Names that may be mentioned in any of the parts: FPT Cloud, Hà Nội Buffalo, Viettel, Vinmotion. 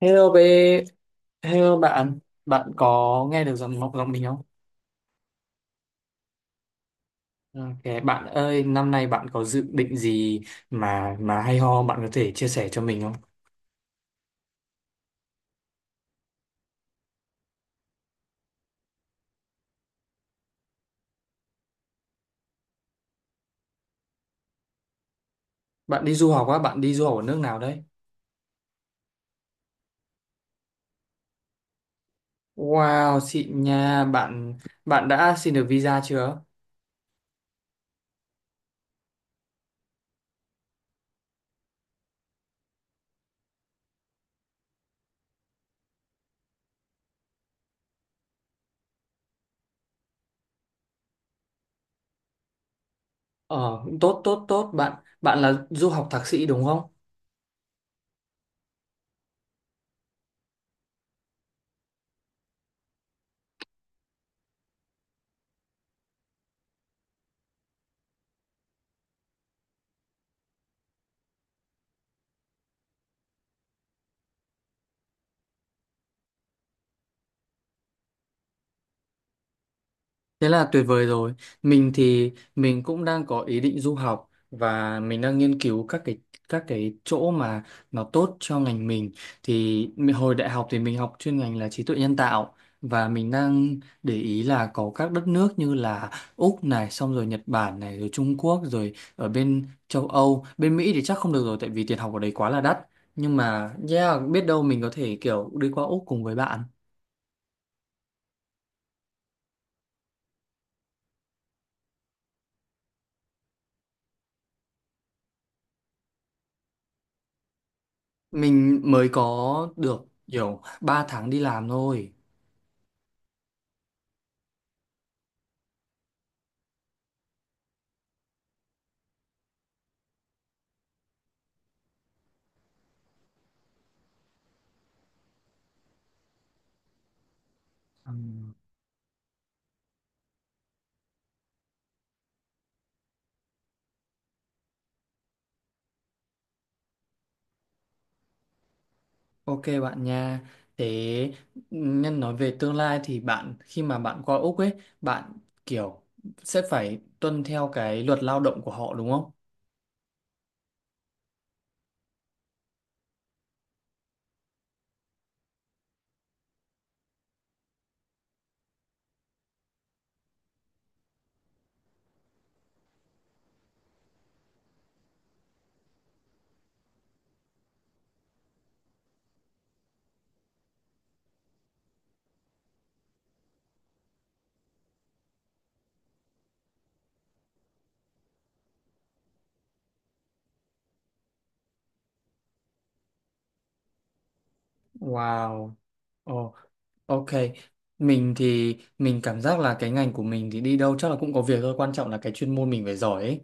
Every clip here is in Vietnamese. Hello bé, hello bạn, bạn có nghe được giọng giọng mình không? Ok, bạn ơi, năm nay bạn có dự định gì mà hay ho bạn có thể chia sẻ cho mình không? Bạn đi du học á, bạn đi du học ở nước nào đấy? Wow, xịn nha, bạn bạn đã xin được visa chưa? Ờ, cũng tốt tốt tốt, bạn bạn là du học thạc sĩ đúng không? Thế là tuyệt vời rồi. Mình thì mình cũng đang có ý định du học và mình đang nghiên cứu các cái chỗ mà nó tốt cho ngành mình. Hồi đại học thì mình học chuyên ngành là trí tuệ nhân tạo, và mình đang để ý là có các đất nước như là Úc này, xong rồi Nhật Bản này, rồi Trung Quốc, rồi ở bên châu Âu, bên Mỹ thì chắc không được rồi tại vì tiền học ở đấy quá là đắt. Nhưng mà yeah, biết đâu mình có thể kiểu đi qua Úc cùng với bạn. Mình mới có được kiểu 3 tháng đi làm thôi. Ok bạn nha. Thế nhân nói về tương lai thì bạn khi mà bạn qua Úc ấy, bạn kiểu sẽ phải tuân theo cái luật lao động của họ đúng không? Wow. Ok, mình thì mình cảm giác là cái ngành của mình thì đi đâu chắc là cũng có việc thôi, quan trọng là cái chuyên môn mình phải giỏi ấy.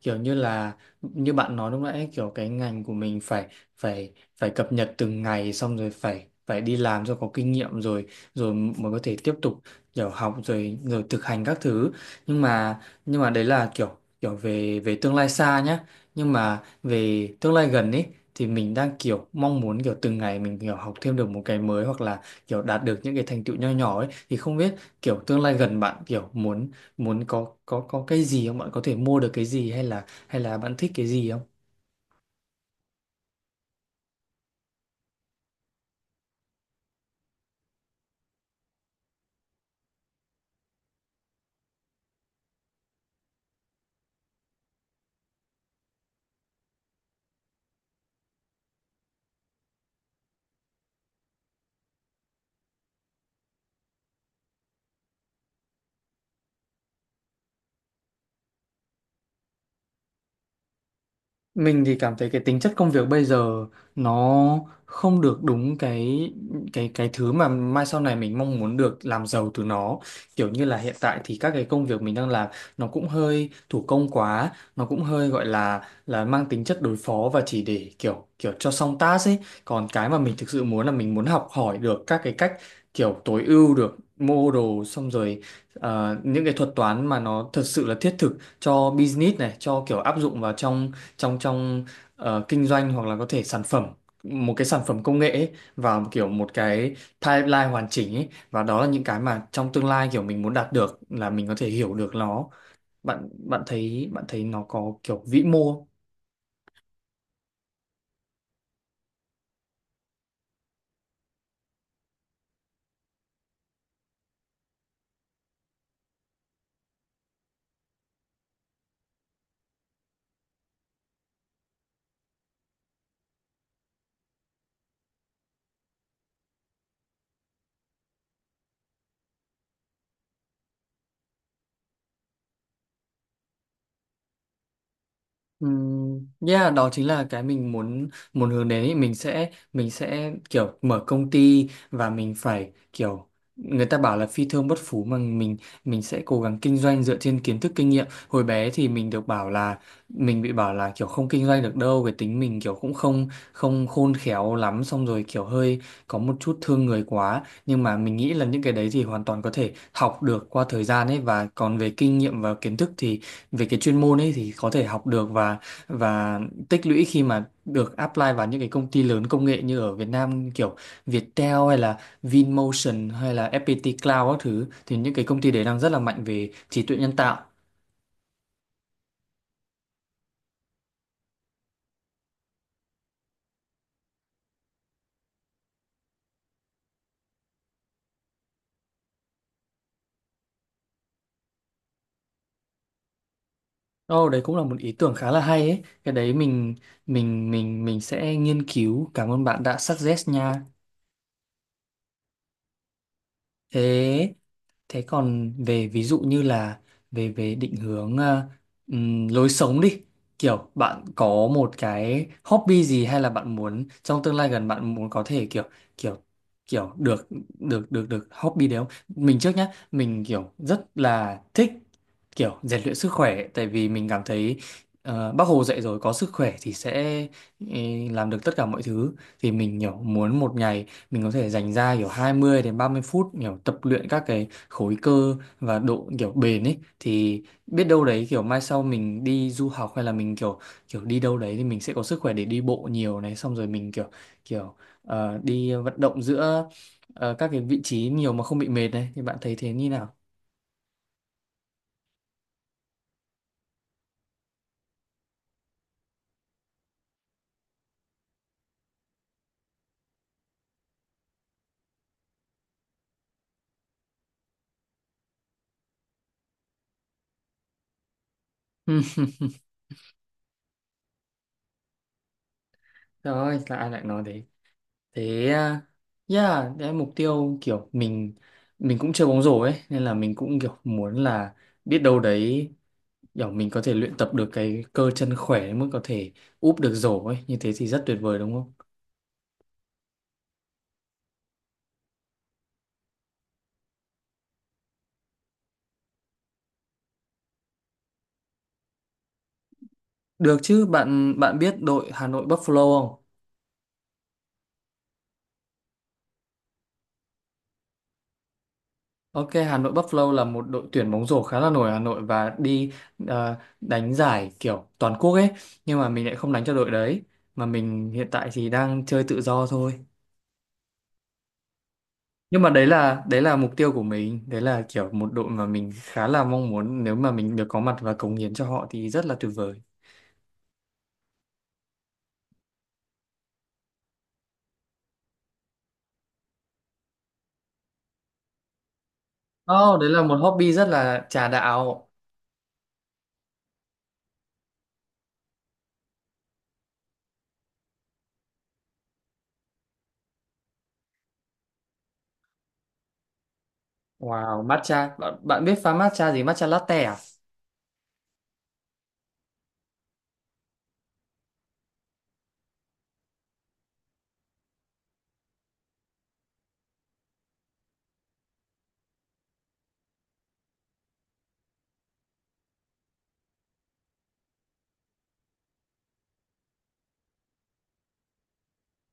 Kiểu như là như bạn nói lúc nãy ấy, kiểu cái ngành của mình phải phải phải cập nhật từng ngày, xong rồi phải phải đi làm cho có kinh nghiệm, rồi rồi mới có thể tiếp tục kiểu học rồi rồi thực hành các thứ. Nhưng mà nhưng mà đấy là kiểu kiểu về về tương lai xa nhá. Nhưng mà về tương lai gần ấy thì mình đang kiểu mong muốn kiểu từng ngày mình kiểu học thêm được một cái mới hoặc là kiểu đạt được những cái thành tựu nho nhỏ ấy, thì không biết kiểu tương lai gần bạn kiểu muốn muốn có có cái gì không, bạn có thể mua được cái gì, hay là bạn thích cái gì không? Mình thì cảm thấy cái tính chất công việc bây giờ nó không được đúng cái thứ mà mai sau này mình mong muốn được làm giàu từ nó. Kiểu như là hiện tại thì các cái công việc mình đang làm nó cũng hơi thủ công quá, nó cũng hơi gọi là mang tính chất đối phó và chỉ để kiểu kiểu cho xong task ấy. Còn cái mà mình thực sự muốn là mình muốn học hỏi được các cái cách kiểu tối ưu được model, xong rồi những cái thuật toán mà nó thật sự là thiết thực cho business này, cho kiểu áp dụng vào trong trong trong ờ, kinh doanh, hoặc là có thể sản phẩm một cái sản phẩm công nghệ ấy, vào một kiểu một cái timeline hoàn chỉnh ấy, và đó là những cái mà trong tương lai kiểu mình muốn đạt được, là mình có thể hiểu được nó. Bạn bạn thấy bạn thấy nó có kiểu vĩ mô không? Yeah, đó chính là cái mình muốn muốn hướng đến ý. Mình sẽ kiểu mở công ty, và mình phải kiểu người ta bảo là phi thương bất phú mà. Mình sẽ cố gắng kinh doanh dựa trên kiến thức kinh nghiệm. Hồi bé thì mình được bảo là mình bị bảo là kiểu không kinh doanh được đâu, cái tính mình kiểu cũng không không khôn khéo lắm, xong rồi kiểu hơi có một chút thương người quá, nhưng mà mình nghĩ là những cái đấy thì hoàn toàn có thể học được qua thời gian ấy. Và còn về kinh nghiệm và kiến thức thì về cái chuyên môn ấy thì có thể học được, và tích lũy khi mà được apply vào những cái công ty lớn công nghệ như ở Việt Nam, kiểu Viettel hay là Vinmotion hay là FPT Cloud các thứ, thì những cái công ty đấy đang rất là mạnh về trí tuệ nhân tạo. Ồ, đấy cũng là một ý tưởng khá là hay ấy. Cái đấy mình sẽ nghiên cứu. Cảm ơn bạn đã suggest nha. Thế thế còn về ví dụ như là về về định hướng lối sống đi, kiểu bạn có một cái hobby gì, hay là bạn muốn trong tương lai gần bạn muốn có thể kiểu kiểu kiểu được được hobby đấy không? Mình trước nhá, mình kiểu rất là thích kiểu rèn luyện sức khỏe, tại vì mình cảm thấy Bác Hồ dạy rồi, có sức khỏe thì sẽ ừ, làm được tất cả mọi thứ. Thì mình kiểu muốn một ngày mình có thể dành ra kiểu 20 đến 30 phút kiểu tập luyện các cái khối cơ và độ kiểu bền ấy, thì biết đâu đấy kiểu mai sau mình đi du học hay là mình kiểu kiểu đi đâu đấy, thì mình sẽ có sức khỏe để đi bộ nhiều này, xong rồi mình kiểu kiểu ờ, đi vận động giữa các cái vị trí nhiều mà không bị mệt này. Thì bạn thấy thế như nào? Ừ, trời ơi, là ai lại nói thế? Thế à, yeah, đấy là mục tiêu kiểu mình cũng chơi bóng rổ ấy, nên là mình cũng kiểu muốn là biết đâu đấy kiểu mình có thể luyện tập được cái cơ chân khỏe đến mức có thể úp được rổ ấy, như thế thì rất tuyệt vời đúng không? Được chứ bạn bạn biết đội Hà Nội Buffalo không? Ok, Hà Nội Buffalo là một đội tuyển bóng rổ khá là nổi ở Hà Nội, và đi ờ, đánh giải kiểu toàn quốc ấy, nhưng mà mình lại không đánh cho đội đấy, mà mình hiện tại thì đang chơi tự do thôi. Nhưng mà đấy là mục tiêu của mình, đấy là kiểu một đội mà mình khá là mong muốn, nếu mà mình được có mặt và cống hiến cho họ thì rất là tuyệt vời. Oh, đấy là một hobby rất là trà đạo. Wow, matcha. Bạn, bạn biết pha matcha gì? Matcha latte à?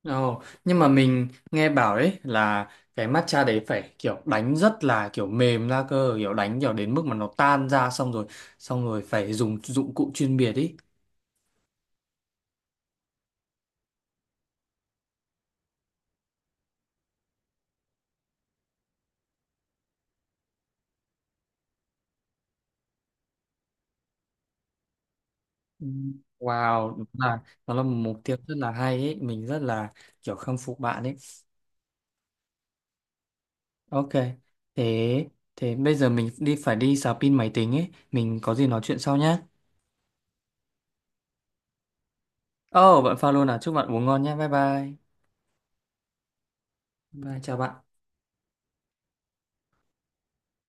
Ồ, nhưng mà mình nghe bảo đấy là cái matcha đấy phải kiểu đánh rất là kiểu mềm ra cơ, kiểu đánh kiểu đến mức mà nó tan ra, xong rồi, phải dùng dụng cụ chuyên biệt ý. Ừ. Wow, đúng là nó là một mục tiêu rất là hay ấy, mình rất là kiểu khâm phục bạn ấy. Ok. Thế thế bây giờ mình đi phải đi sạc pin máy tính ấy, mình có gì nói chuyện sau nhé. Ồ, oh, bạn pha luôn à, chúc bạn uống ngon nhé. Bye bye. Bye, chào bạn.